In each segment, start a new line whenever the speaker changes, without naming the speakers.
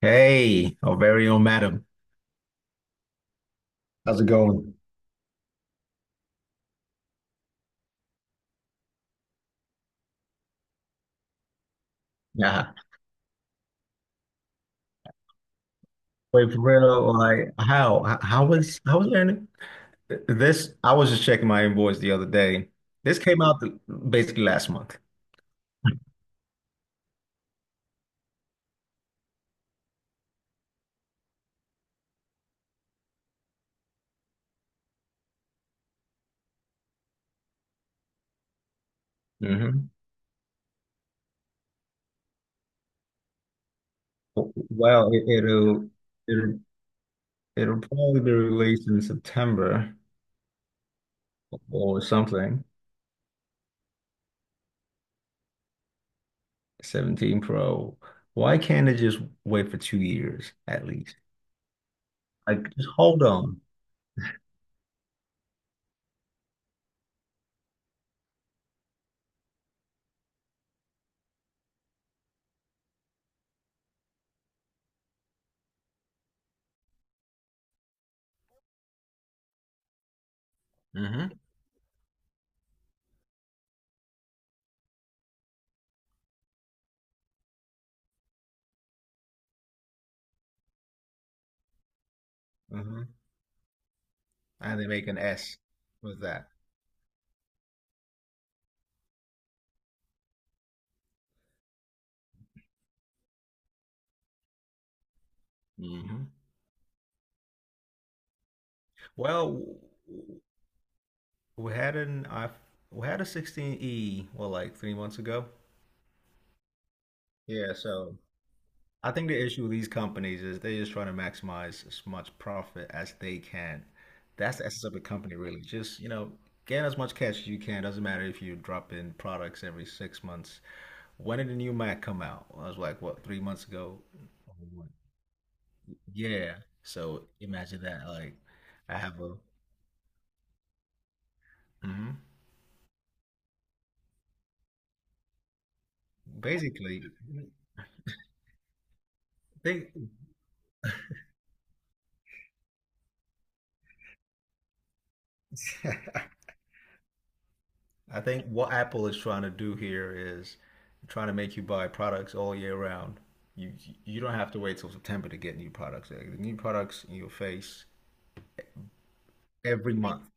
Hey, our very own madam. How's it going? Yeah. Wait, for real, like how was how was learning? This I was just checking my invoice the other day. This came out basically last month. hmm Well, it'll It'll probably be released in September or something. 17 Pro. Why can't it just wait for 2 years at least? Like, just hold on. mm hmm mm hmm And they make an S with that. mm hmm Well, we had an I we had a 16e well like 3 months ago. Yeah, so I think the issue with these companies is they're just trying to maximize as much profit as they can. That's the essence of a company, really. Just, you know, get as much cash as you can. Doesn't matter if you drop in products every 6 months. When did the new Mac come out? I was like, what, 3 months ago? Yeah. So imagine that. Like, I have a, hmm basically, they. I think what Apple is trying to do here is trying to make you buy products all year round. You you don't have to wait till September to get new products. Like, the new products in your face every month.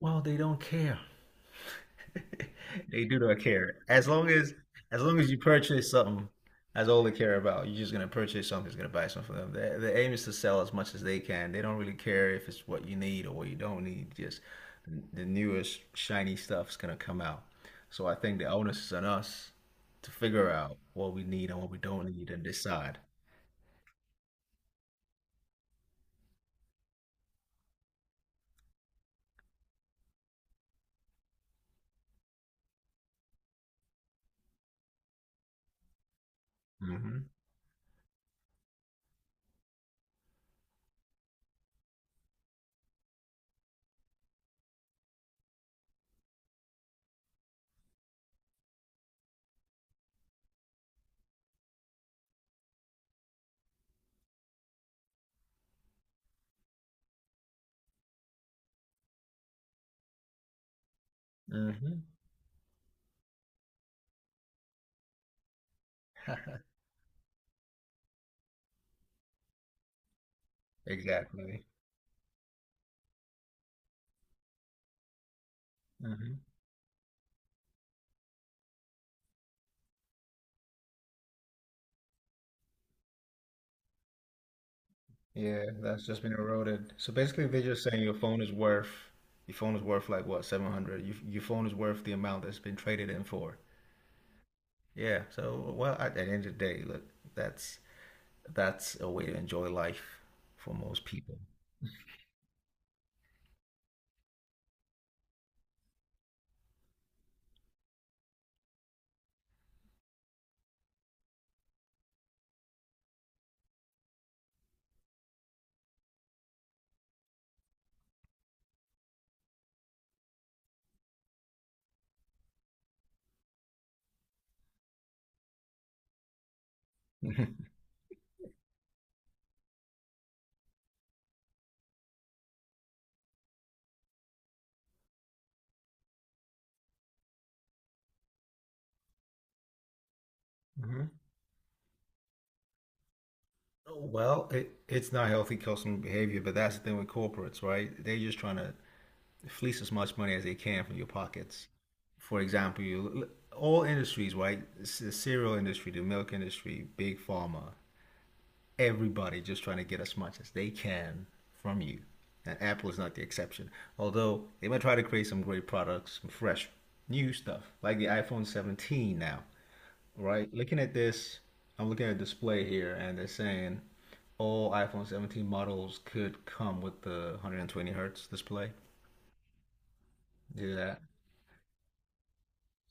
Well, they don't care. They do not care. As long as you purchase something, that's all they care about. You're just gonna purchase something, just gonna buy something for them. The aim is to sell as much as they can. They don't really care if it's what you need or what you don't need. Just the newest shiny stuff's gonna come out. So I think the onus is on us to figure out what we need and what we don't need and decide. hmm hmm Exactly. Yeah, that's just been eroded. So basically, they're just saying your phone is worth like what, 700. Your phone is worth the amount that's been traded in for. Yeah. So, well, at the end of the day, look, that's that's a way to enjoy life for most people. Mhm. Well, it's not healthy customer behavior, but that's the thing with corporates, right? They're just trying to fleece as much money as they can from your pockets. For example, you all industries, right? It's the cereal industry, the milk industry, big pharma, everybody just trying to get as much as they can from you. And Apple is not the exception. Although they might try to create some great products, some fresh new stuff, like the iPhone 17 now, right? Looking at this, I'm looking at a display here, and they're saying all iPhone 17 models could come with the 120 hertz display. Do that.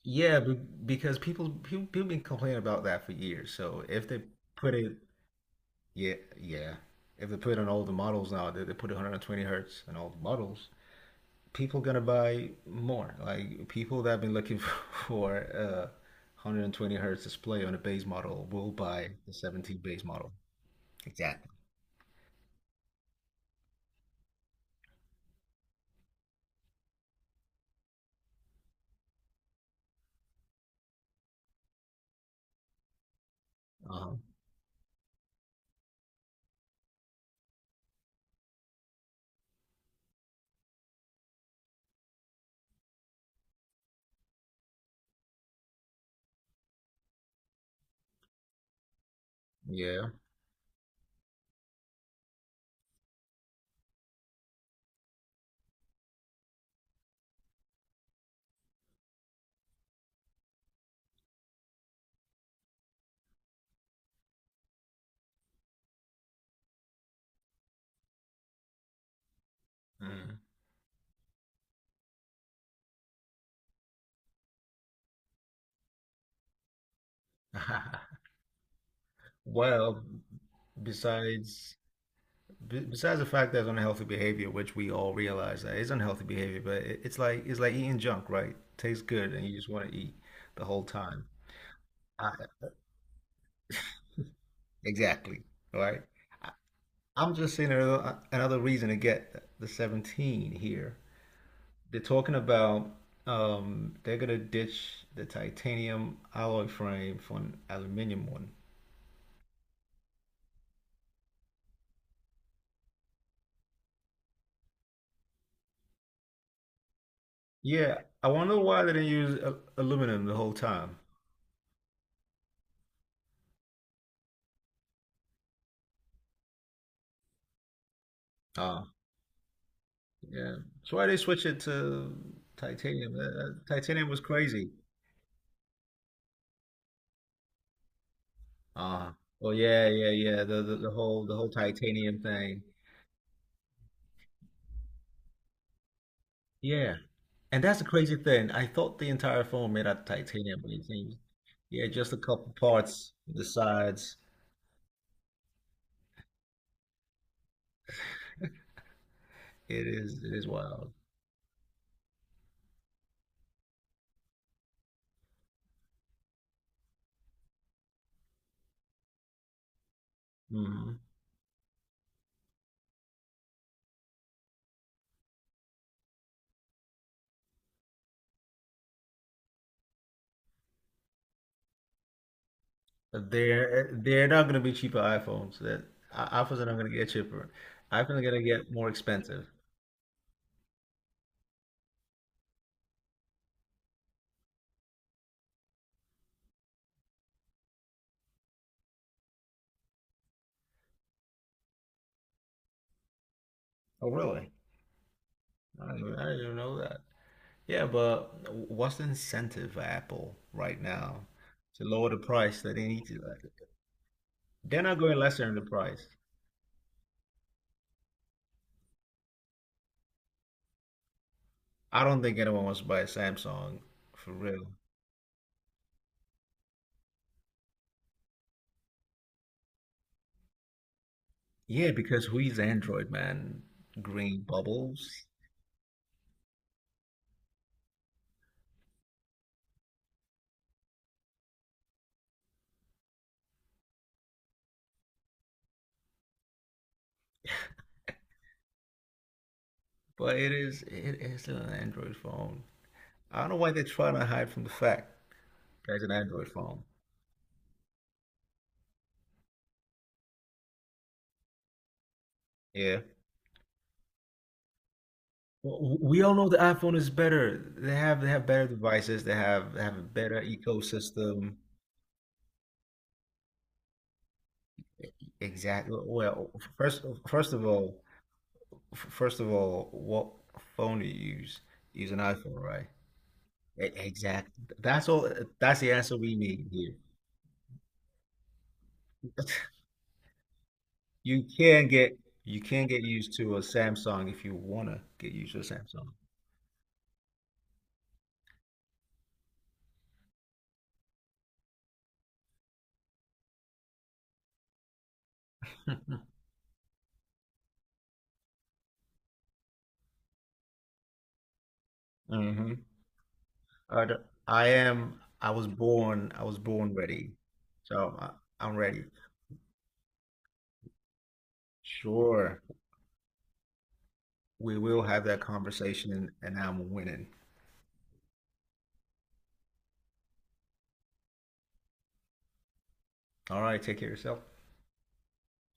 Yeah, because people been complaining about that for years. So if they put it, yeah, yeah, if they put it on all the models now, they put 120 hertz on all the models, people gonna buy more. Like people that have been looking for a 120 hertz display on a base model will buy the 17 base model. Exactly. uh Yeah. Mm. Well, besides. besides the fact that it's unhealthy behavior, which we all realize that it's unhealthy behavior, but it's like it's like eating junk, right? Tastes good, and you just want to eat the whole time. I, exactly, right? I, I'm just seeing another reason to get the 17 here. They're talking about they're gonna ditch the titanium alloy frame for an aluminum one. Yeah, I wonder why they didn't use aluminum the whole time. Um, Yeah. So why they switch it to titanium? Titanium was crazy. Ah. Oh, yeah, yeah, yeah. The whole titanium thing. Yeah. And that's the crazy thing. I thought the entire phone made out of titanium, but it seems yeah, just a couple parts, the sides. It is wild. hmm they're not gonna be cheaper iPhones. That iPhones are not gonna get cheaper. iPhones are gonna get more expensive. Oh really? I didn't even know that. Yeah, but what's the incentive for Apple right now to lower the price that they need to? Like, they're not going lesser in the price. I don't think anyone wants to buy a Samsung for real. Yeah, because who is Android, man? Green bubbles. But it is still an Android phone. I don't know why they're trying to hide from the fact that it's an Android phone. Yeah. Well, we all know the iPhone is better. They have better devices. They have a better ecosystem. Exactly. Well, first first of all, first of all, what phone do you use? Use an iPhone, right? Exactly. That's all. That's the answer we need here. You can get you can get used to a Samsung if you wanna get used to a Samsung. Mm-hmm. I, d- I am. I was born ready. So I, I'm ready. Sure. We will have that conversation, and, I'm winning. All right. Take care of yourself.